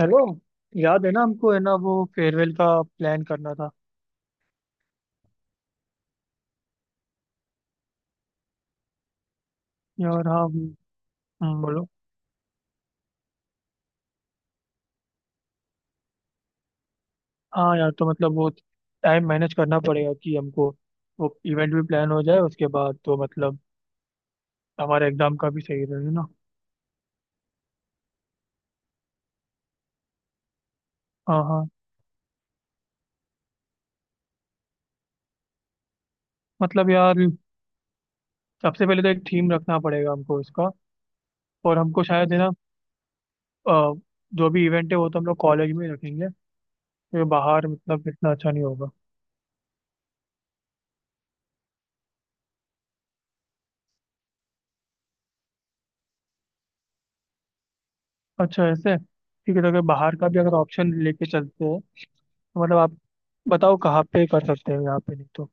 Hello. याद है ना हमको, है ना, वो फेयरवेल का प्लान करना था। यार हाँ। बोलो। हाँ यार, तो मतलब वो टाइम मैनेज करना पड़ेगा कि हमको वो इवेंट भी प्लान हो जाए, उसके बाद तो मतलब हमारे एग्जाम का भी सही रहे ना। हाँ हाँ। मतलब यार, सबसे पहले तो एक थीम रखना पड़ेगा हमको इसका। और हमको शायद है ना, अ, जो भी इवेंट है वो तो हम लोग कॉलेज में ही रखेंगे क्योंकि बाहर मतलब इतना अच्छा नहीं होगा। अच्छा ऐसे ठीक है, तो अगर बाहर का भी अगर ऑप्शन लेके चलते हैं। मतलब आप बताओ कहाँ पे कर सकते हो, यहाँ पे नहीं तो?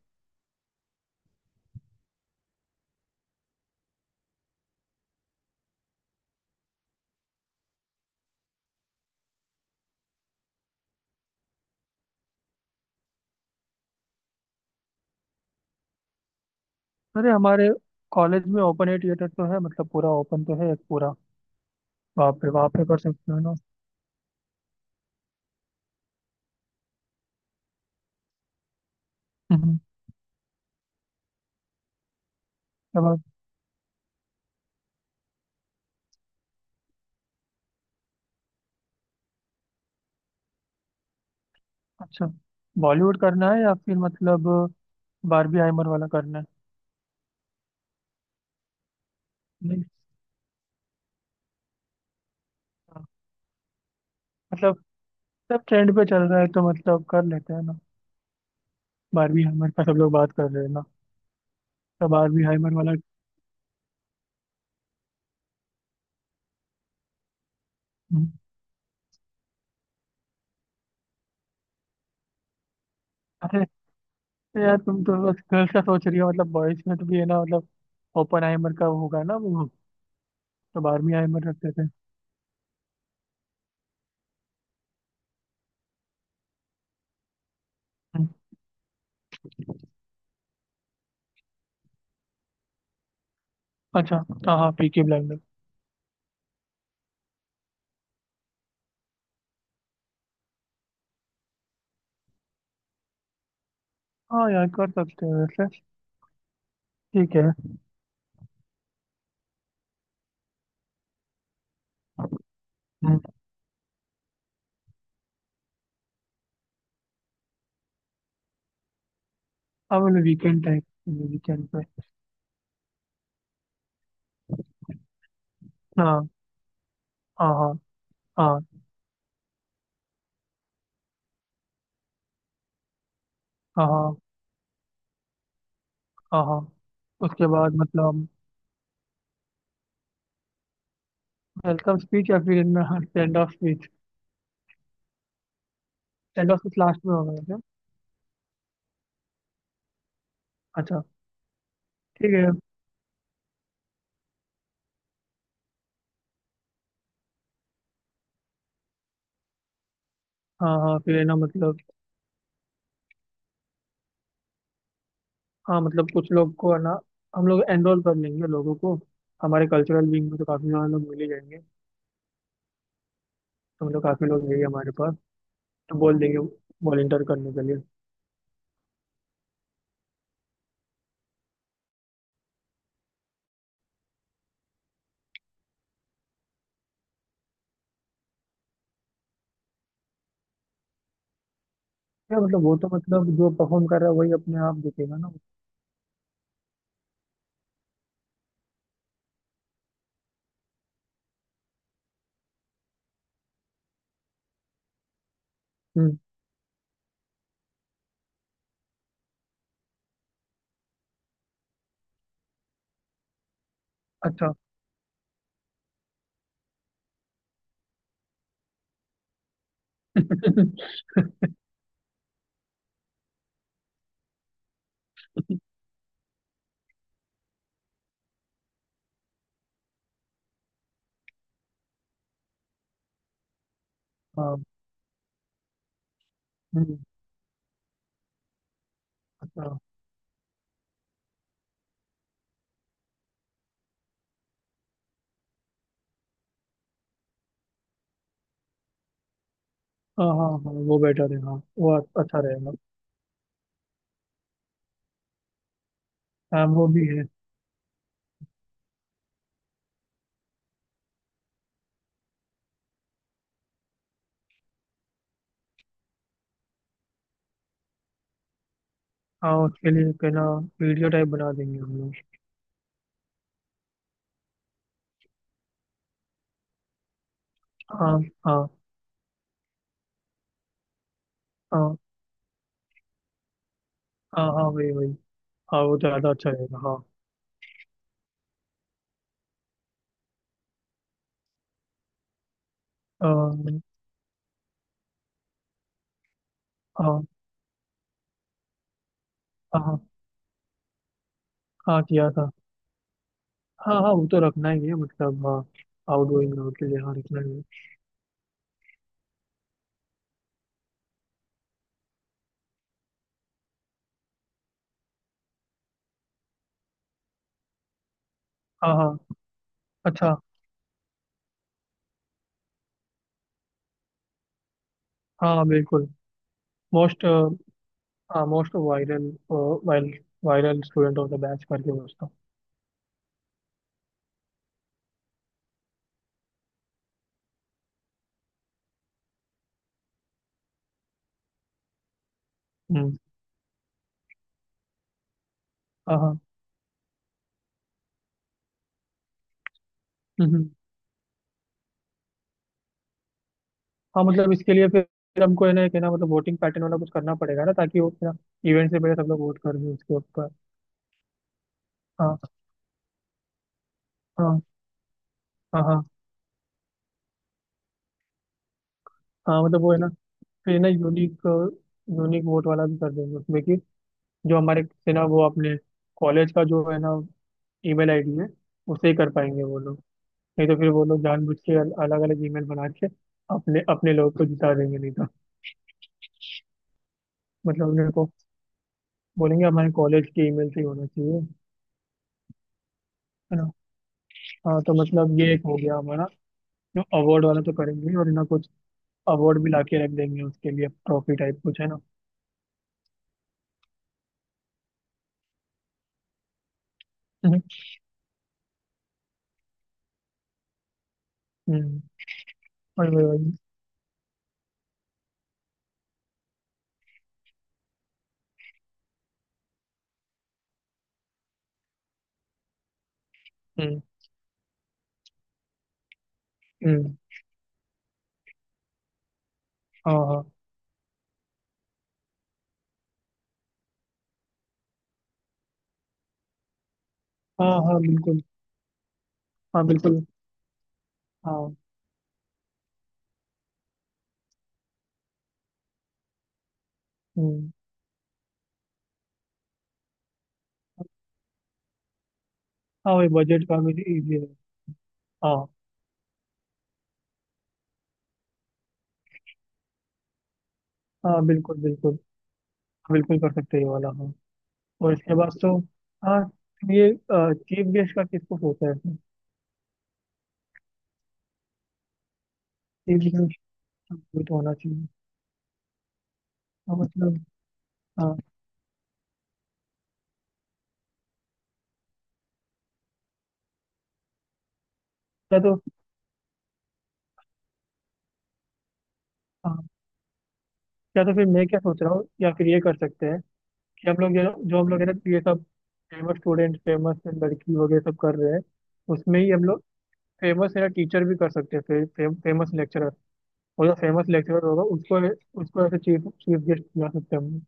अरे हमारे कॉलेज में ओपन एयर थिएटर तो है, मतलब पूरा ओपन तो है एक पूरा, वहाँ पे कर सकते हो ना। हम्म, तब आप। अच्छा बॉलीवुड करना है या फिर मतलब बारबी हाइमर वाला करना है? नहीं। हाँ। मतलब सब ट्रेंड पे चल रहा है तो मतलब कर लेते हैं ना। बारबी हाइमर का सब लोग बात कर रहे हैं ना, तो बारबी हाइमर वाला। हम्म, अरे यार तुम तो बस गर्ल्स का सोच रही हो, मतलब बॉयज में तो भी है ना, मतलब ओपन हाइमर का होगा ना वो, तो बारबी हाइमर रख देते हैं। अच्छा। हाँ हाँ पीके ब्लाइंडर। हाँ यार कर सकते हैं वैसे। ठीक है। हम्म, हाँ मतलब वीकेंड टाइप। वीकेंड पे। हाँ हाँ हाँ हाँ। हाँ हाँ हाँ हाँ। उसके बाद मतलब। वेलकम स्पीच या फिर stand off speech. Stand off speech last में होगा वैसे। अच्छा। ठीक है। हाँ हाँ फिर है ना मतलब। हाँ मतलब कुछ लोग को है ना, हम लोग एनरोल कर लेंगे लोगों को। हमारे कल्चरल विंग में तो काफ़ी सारे लोग मिल ही जाएंगे। तो मतलब काफ़ी लोग हैं ही हमारे पास। तो बोल देंगे वॉलेंटियर करने के लिए। या मतलब वो तो मतलब जो परफॉर्म कर रहा है वही अपने आप दिखेगा ना। हम्म। अच्छा। हाँ। हम्म, अच्छा। हाँ हाँ हाँ वो बेटर है, हाँ वो अच्छा रहेगा। हाँ वो भी है। हाँ उसके लिए कहना वीडियो टाइप बना देंगे हम लोग। हाँ हाँ हाँ हाँ। हाँ वही वही। हाँ वो तो ज़्यादा अच्छा रहेगा हाँ। अम, हाँ हाँ हाँ। हाँ, किया था। हाँ हाँ वो तो रखना ही है मतलब हाँ। आउटगोइंग के लिए हाँ रखना ही है। हाँ हाँ। अच्छा। हाँ बिल्कुल। मोस्ट। हाँ most viral. Viral viral student of the batch करके वो उसका। हम्म। हाँ हाँ। हम्म हम्म। हाँ मतलब इसके लिए फिर हमको है ना, एक है ना, मतलब वोटिंग पैटर्न वाला कुछ करना पड़ेगा ना, ताकि वो ना इवेंट से पहले सब लोग वोट कर दें उसके ऊपर। हाँ हाँ हाँ हाँ। हाँ मतलब वो है ना, फिर ना यूनिक यूनिक वोट वाला भी कर देंगे उसमें कि जो हमारे से ना, वो अपने कॉलेज का जो है ना ईमेल आईडी है उसे ही कर पाएंगे वो लोग। नहीं तो फिर वो लोग जानबूझ के अलग अलग ईमेल बना के अपने अपने लोग को जिता देंगे नहीं तो। मतलब उनको बोलेंगे हमारे कॉलेज के ईमेल से ही होना चाहिए है ना। हाँ तो मतलब ये एक हो गया हमारा। जो अवार्ड वाला तो करेंगे ही, और ना कुछ अवार्ड भी लाके रख देंगे उसके लिए ट्रॉफी टाइप कुछ है ना। हम्म हम्म, वही वही वही। हम्म हम्म। हाँ हाँ हाँ हाँ बिल्कुल। हाँ बिल्कुल। हाँ हम्म। हाँ वही बजट का भी इजी है। हाँ हाँ बिल्कुल बिल्कुल। बिल्कुल कर सकते हैं ये वाला हाँ। और इसके बाद तो। हाँ, ये चीफ गेस्ट का किसको सोचा है? चीफ गेस्ट तो होना चाहिए। हाँ मतलब हाँ। या तो हाँ, या तो फिर मैं क्या सोच रहा हूँ, या फिर ये कर सकते हैं कि हम लोग ये जो हम लोग है ना, ये सब फेमस स्टूडेंट फेमस लड़की वगैरह सब कर रहे हैं, उसमें ही हम लोग फेमस है ना टीचर भी कर सकते हैं। फे, फे, फेमस लेक्चरर। और जो फेमस लेक्चरर होगा उसको, ऐसे चीफ चीफ गेस्ट बना सकते हैं हम लोग।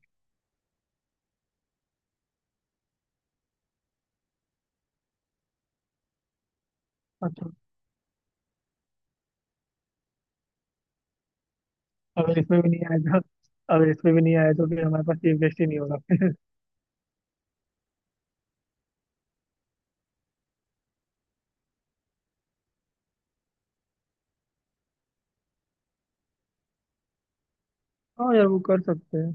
अच्छा अगर इसमें भी नहीं आएगा, अगर इसमें भी नहीं आया तो फिर हमारे पास चीफ गेस्ट ही नहीं होगा। हाँ यार वो कर सकते हैं।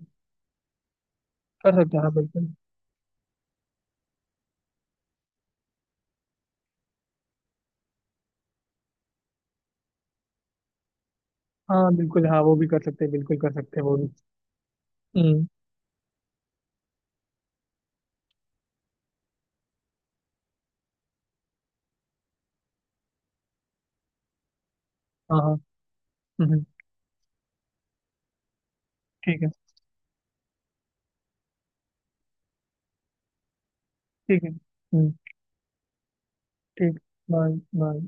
कर सकते हैं हाँ बिल्कुल। हाँ बिल्कुल। हाँ वो भी कर सकते हैं बिल्कुल कर सकते हैं वो भी। हम्म हाँ हाँ। हम्म, ठीक है। ठीक है हम्म। ठीक। Bye bye.